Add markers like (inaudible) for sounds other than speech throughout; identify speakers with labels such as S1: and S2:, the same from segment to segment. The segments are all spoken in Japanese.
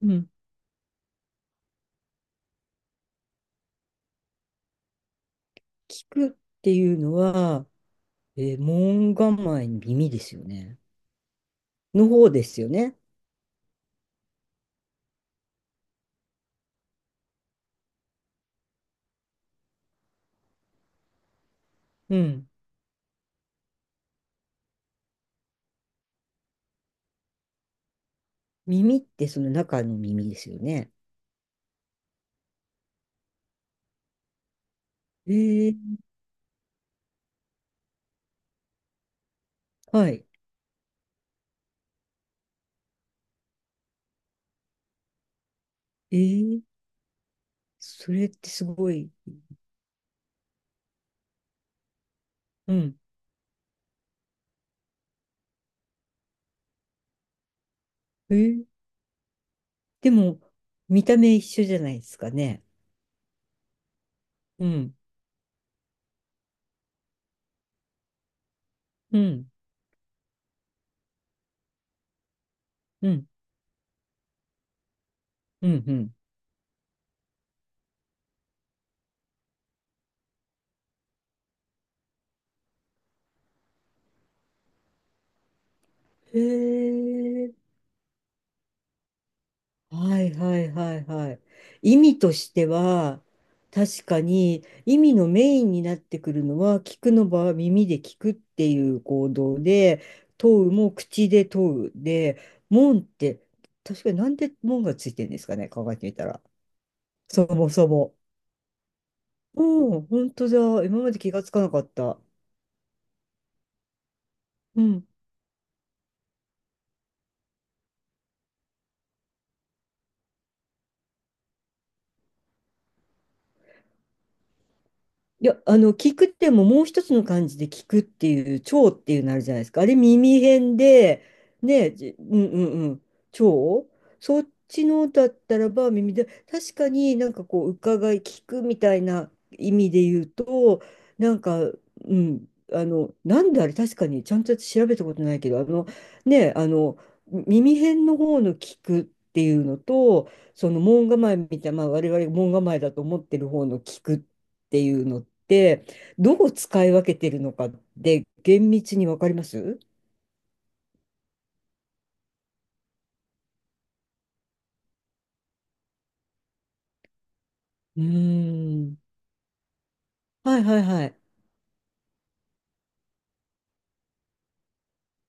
S1: うん。聞くっていうのは、門構えに耳ですよね。の方ですよね。うん。耳ってその中の耳ですよね。えー、はい。えー、それってすごい。うん。えー、でも、見た目一緒じゃないですかね。うん。うん。うん。うん。うん。へえ。はいはいはいはい。意味としては、確かに意味のメインになってくるのは、聞くの場は耳で聞くっていう行動で、問うも口で問うで、門って、確かになんで門がついてるんですかね、考えてみたら。そもそも。うん、本当だ。今まで気がつかなかった。うん。いや、あの、聞くってももう一つの漢字で聞くっていう、聴っていうのあるじゃないですか。あれ耳辺で、ね、じうんうんうん、聴そっちのだったらば耳で、確かになんかこう、伺い、聞くみたいな意味で言うと、なんか、うん、あの、なんであれ確かに、ちゃんと調べたことないけど、あの、ね、あの、耳辺の方の聞くっていうのと、その門構えみたいな、まあ、我々門構えだと思ってる方の聞くっっていうのって、どう使い分けてるのかって厳密にわかりますうーん。はいはいはい。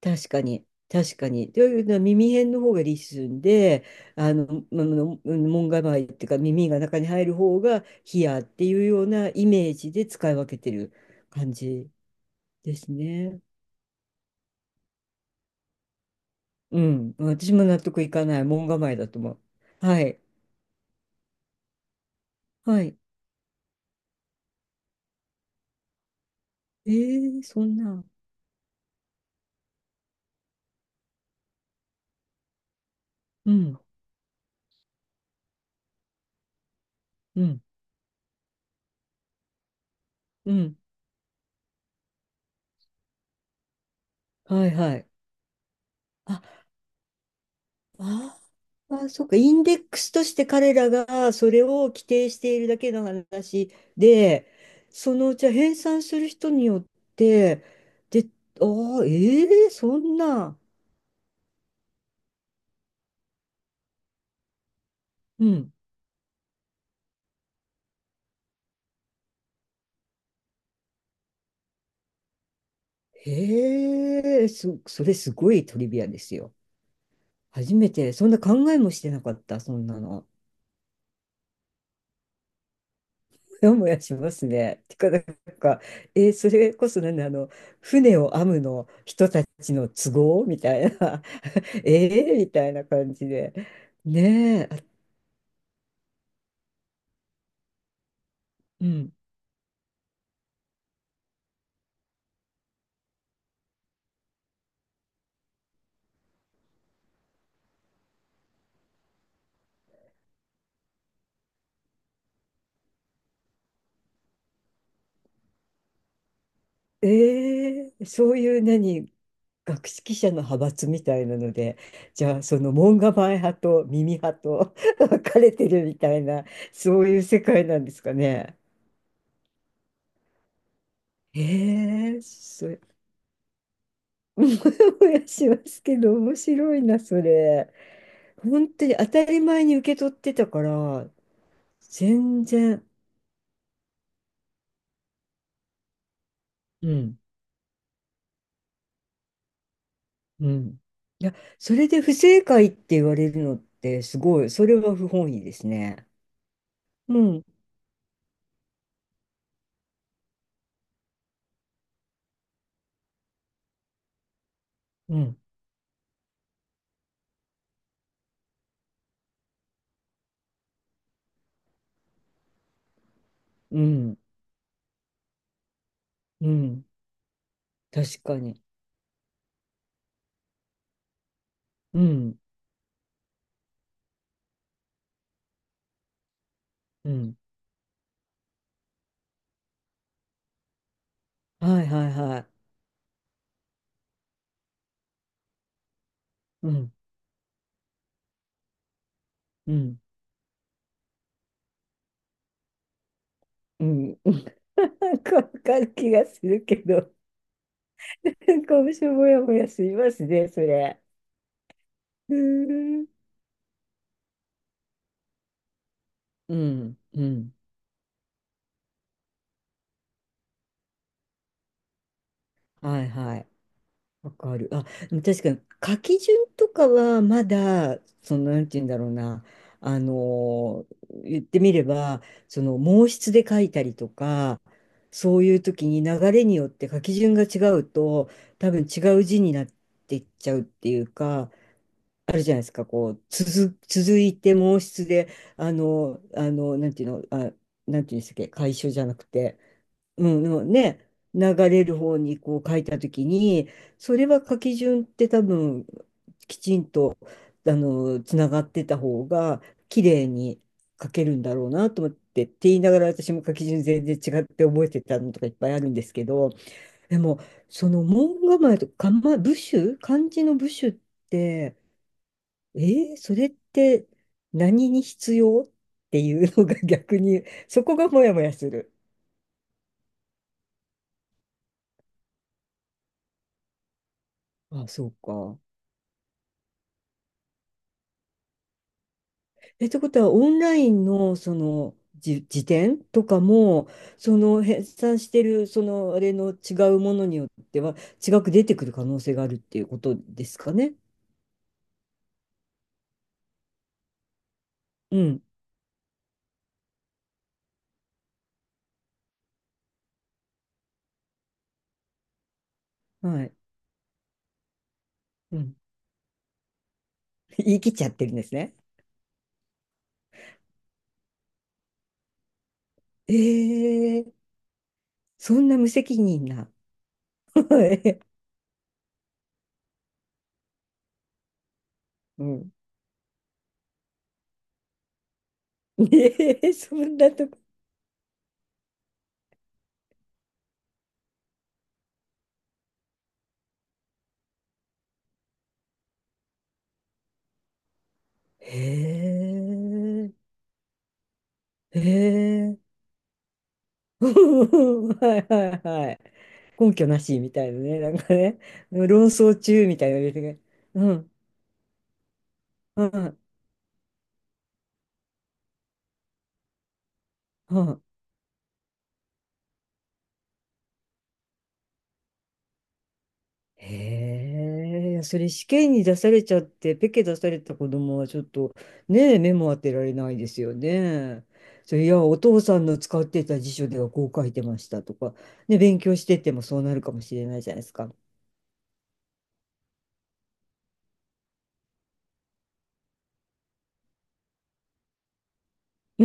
S1: 確かに。確かに。というのは耳辺の方がリスンで、あの、まあの門構えっていうか耳が中に入る方がヒアっていうようなイメージで使い分けてる感じですね。うん。私も納得いかない。門構えだと思う。はい。はい。えー、そんな。うん。うん。うん。はいはい。あ、ああ、そっか、インデックスとして彼らがそれを規定しているだけの話で、そのうちは編纂する人によって、で、ああ、ええそんな、うん、へえ、そ、それすごいトリビアですよ。初めて、そんな考えもしてなかった、そんなの。もやもやしますね。てか、なんか、えーそれこそなんだ、あの、船を編むの人たちの都合みたいな。ええみたいな感じで。ねえ、あうん。ええそういう何、学識者の派閥みたいなので、じゃあその門構え派と耳派と (laughs) 分かれてるみたいな、そういう世界なんですかね。ええそれ、(laughs) もやもやしますけど、面白いな、それ。本当に当たり前に受け取ってたから、全然。うんうん。いや、それで不正解って言われるのってすごい、それは不本意ですね。うん、うん、うん、うん、確かに。うん、うん。はいはいはい。うん、うん、うん。うん (laughs) なんかわかる気がするけど、(laughs) なんか私もやもやしますね、それ。うーん、うん、うん。はいはい。わかる。あ、確かに書き順とかはまだ、その、なんて言うんだろうな、言ってみれば、その、毛筆で書いたりとか、そういう時に流れによって書き順が違うと、多分違う字になっていっちゃうっていうか、あるじゃないですか、こう、続、続いて毛筆で、あの、あの、なんていうの、あ、なんていうんですっけ、楷書じゃなくて、うん、のね、流れる方にこう書いたときに、それは書き順って多分、きちんと、あの、つながってた方が、綺麗に書けるんだろうなと思って、って言いながら私も書き順全然違って覚えてたのとかいっぱいあるんですけど、でも、その門構えとか、ま、部首、漢字の部首、えーそれって何に必要っていうのが逆に、そこがモヤモヤする。あ、そうか。え、ってことは、オンラインの、その、じ、辞典とかも、その、編纂してる、その、あれの違うものによっては、違く出てくる可能性があるっていうことですかね。うん。はい。うん。(laughs) 言い切っちゃってるんですね。えー、そんな無責任な。(laughs) うん。(laughs) えー、そんなとこ。へえ、へえ。(laughs) はいはいはい。根拠なしみたいなね。なんかね、論争中みたいなの入れてね。うん、うん、うん。へえ、それ試験に出されちゃって、ペケ出された子供はちょっとねえ、目も当てられないですよね。それいや、お父さんの使ってた辞書ではこう書いてましたとか、ね、勉強しててもそうなるかもしれないじゃないですか。(laughs) う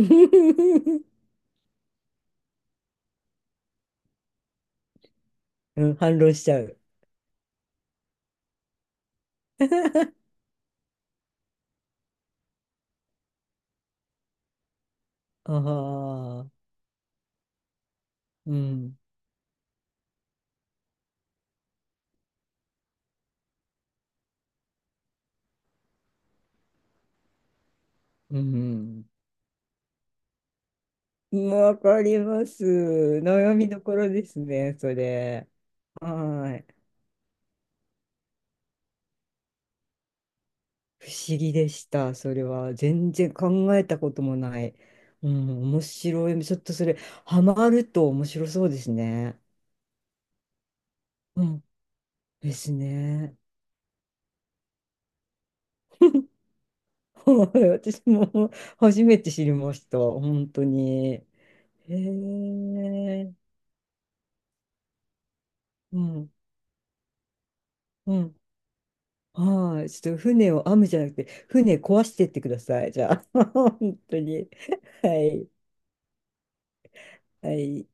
S1: ん、反論しちゃう。(laughs) ああ、うん、うん。わかります。悩みどころですね、それ。はい。不思議でした、それは。全然考えたこともない。うん、面白い。ちょっとそれ、ハマると面白そうですね。うん、ですね。はい、私も初めて知りました、本当に。へえ、うん、うん。はい、ちょっと船を編むじゃなくて、船壊してってください、じゃあ。(laughs) 本当に。はい。はい。